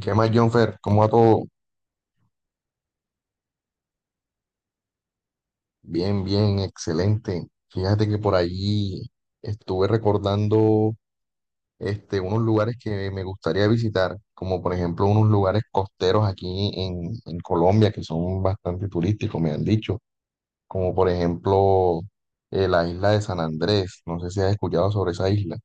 ¿Qué más, Jonfer? ¿Cómo va todo? Bien, bien, excelente. Fíjate que por allí estuve recordando unos lugares que me gustaría visitar, como por ejemplo unos lugares costeros aquí en Colombia que son bastante turísticos, me han dicho, como por ejemplo la isla de San Andrés. No sé si has escuchado sobre esa isla.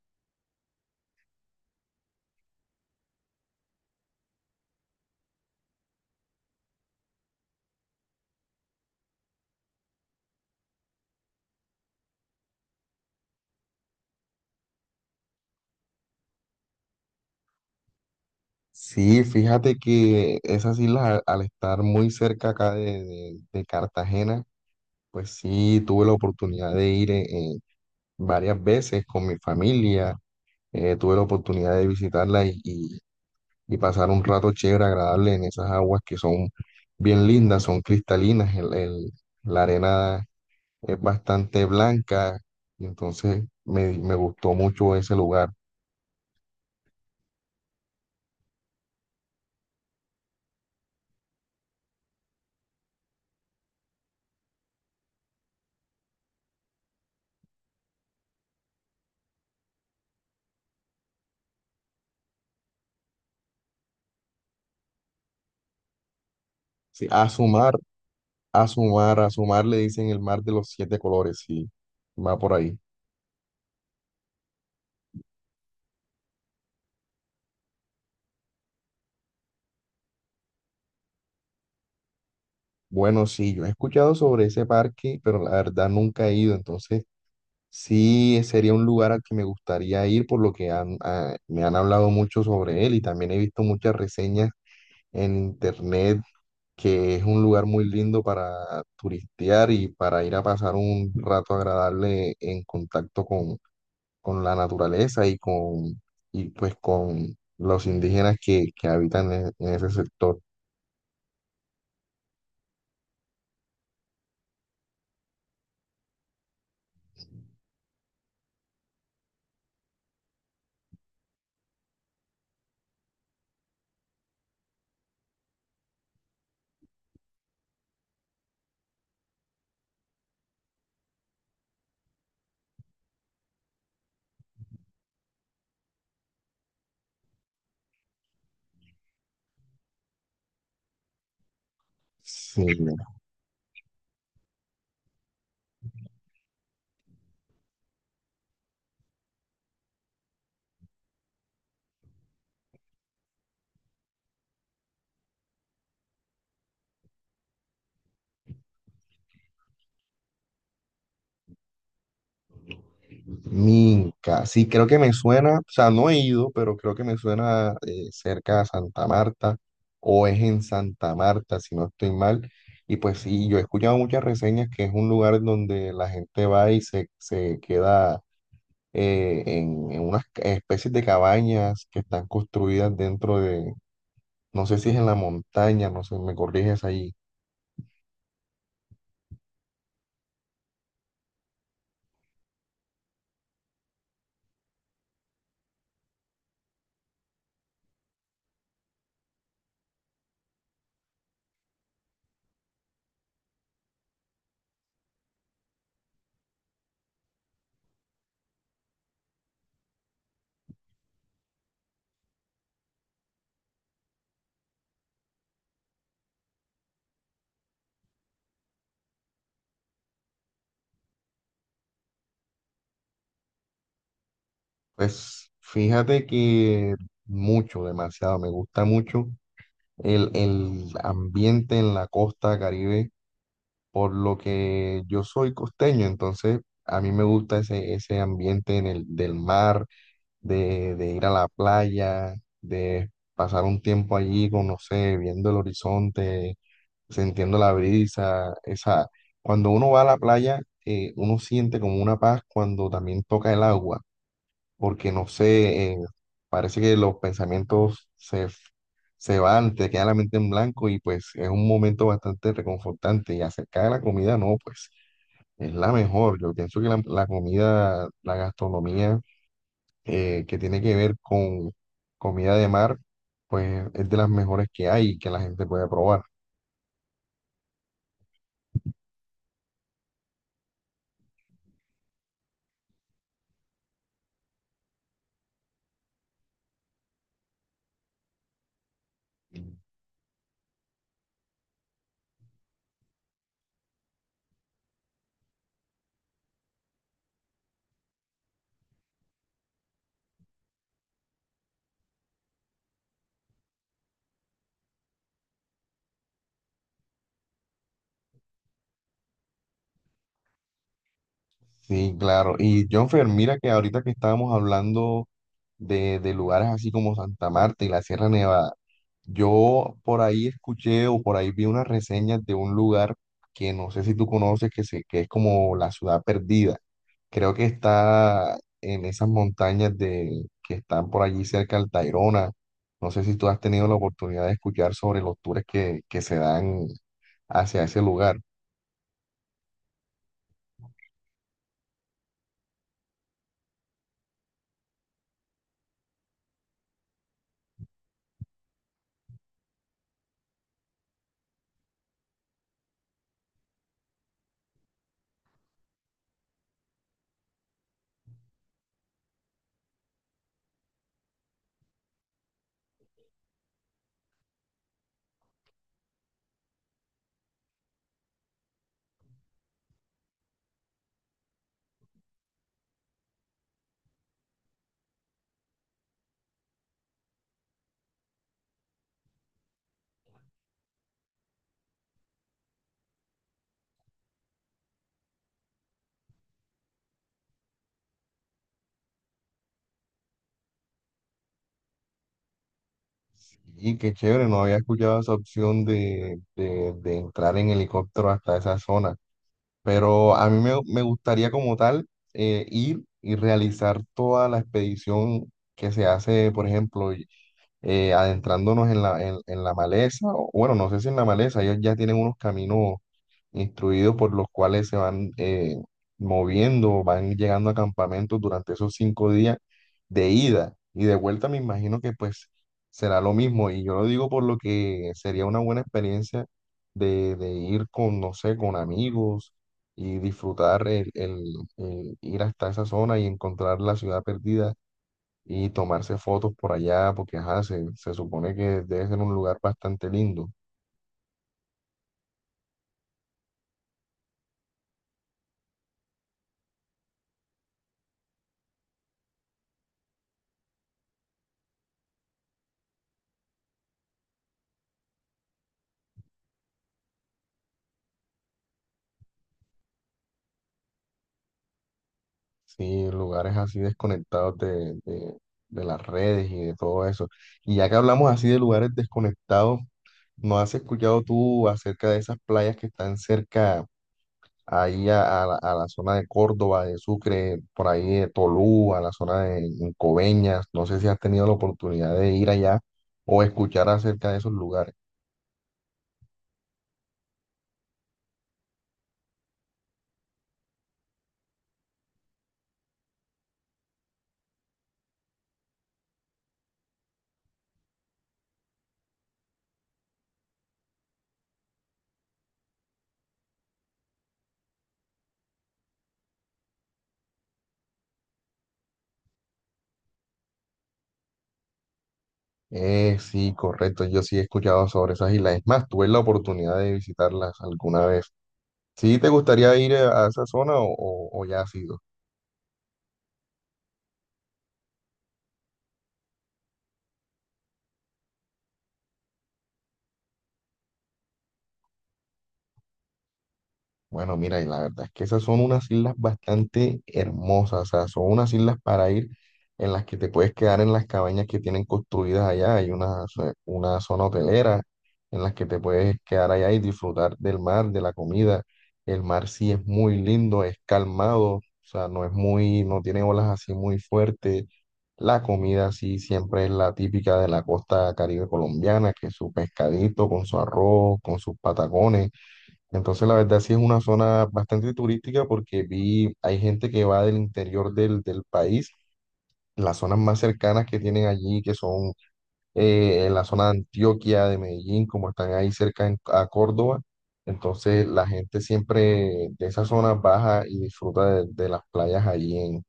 Sí, fíjate que esas islas al estar muy cerca acá de Cartagena, pues sí, tuve la oportunidad de ir varias veces con mi familia. Tuve la oportunidad de visitarla y pasar un rato chévere, agradable en esas aguas que son bien lindas, son cristalinas. La arena es bastante blanca, y entonces me gustó mucho ese lugar. Sí, a sumar le dicen el mar de los siete colores, sí, va por ahí. Bueno, sí, yo he escuchado sobre ese parque, pero la verdad nunca he ido, entonces. Sí, sería un lugar al que me gustaría ir, por lo que me han hablado mucho sobre él y también he visto muchas reseñas en internet que es un lugar muy lindo para turistear y para ir a pasar un rato agradable en contacto con la naturaleza y pues con los indígenas que habitan en ese sector. Sí. Minca, sí, creo que me suena, o sea, no he ido, pero creo que me suena cerca a Santa Marta o es en Santa Marta, si no estoy mal. Y pues sí, yo he escuchado muchas reseñas que es un lugar donde la gente va y se queda en, unas especies de cabañas que están construidas dentro de, no sé si es en la montaña, no sé, me corriges ahí. Pues fíjate que mucho, demasiado, me gusta mucho. El ambiente en la costa Caribe, por lo que yo soy costeño, entonces a mí me gusta ese ambiente en del mar, de ir a la playa, de pasar un tiempo allí, con, no sé, viendo el horizonte, sintiendo la brisa, esa, cuando uno va a la playa, uno siente como una paz cuando también toca el agua porque no sé, parece que los pensamientos se van, te queda la mente en blanco y pues es un momento bastante reconfortante. Y acerca de la comida, no, pues es la mejor. Yo pienso que la comida, la gastronomía que tiene que ver con comida de mar, pues es de las mejores que hay y que la gente puede probar. Sí, claro. Y Jonfer, mira que ahorita que estábamos hablando de lugares así como Santa Marta y la Sierra Nevada, yo por ahí escuché o por ahí vi unas reseñas de un lugar que no sé si tú conoces, que, se, que es como la ciudad perdida. Creo que está en esas montañas que están por allí cerca del Tayrona. No sé si tú has tenido la oportunidad de escuchar sobre los tours que se dan hacia ese lugar. Y qué chévere, no había escuchado esa opción de entrar en helicóptero hasta esa zona, pero a mí me gustaría como tal ir y realizar toda la expedición que se hace, por ejemplo, adentrándonos en la maleza, o bueno, no sé si en la maleza, ellos ya tienen unos caminos instruidos por los cuales se van moviendo, van llegando a campamentos durante esos 5 días de ida y de vuelta, me imagino que pues será lo mismo. Y yo lo digo por lo que sería una buena experiencia de ir con, no sé, con amigos y disfrutar el ir hasta esa zona y encontrar la ciudad perdida y tomarse fotos por allá, porque ajá, se supone que debe ser un lugar bastante lindo. Sí, lugares así desconectados de las redes y de todo eso. Y ya que hablamos así de lugares desconectados, ¿no has escuchado tú acerca de esas playas que están cerca ahí a la zona de Córdoba, de Sucre, por ahí de Tolú, a la zona de Coveñas? No sé si has tenido la oportunidad de ir allá o escuchar acerca de esos lugares. Sí, correcto. Yo sí he escuchado sobre esas islas. Es más, tuve la oportunidad de visitarlas alguna vez. ¿Sí te gustaría ir a esa zona o, o ya has ido? Bueno, mira, y la verdad es que esas son unas islas bastante hermosas, o sea, son unas islas para ir en las que te puedes quedar en las cabañas que tienen construidas allá, hay una, una zona hotelera en las que te puedes quedar allá y disfrutar del mar, de la comida. El mar sí es muy lindo, es calmado, o sea, no es muy, no tiene olas así muy fuertes. La comida sí siempre es la típica de la costa caribe colombiana, que es su pescadito con su arroz, con sus patacones. Entonces, la verdad sí es una zona bastante turística porque vi, hay gente que va del interior del país, las zonas más cercanas que tienen allí, que son en la zona de Antioquia, de Medellín, como están ahí cerca a Córdoba. Entonces, la gente siempre de esa zona baja y disfruta de las playas allí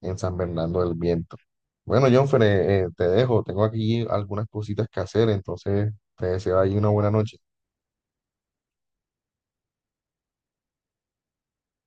en San Bernardo del Viento. Bueno, Jonfer, te dejo, tengo aquí algunas cositas que hacer, entonces te deseo ahí una buena noche.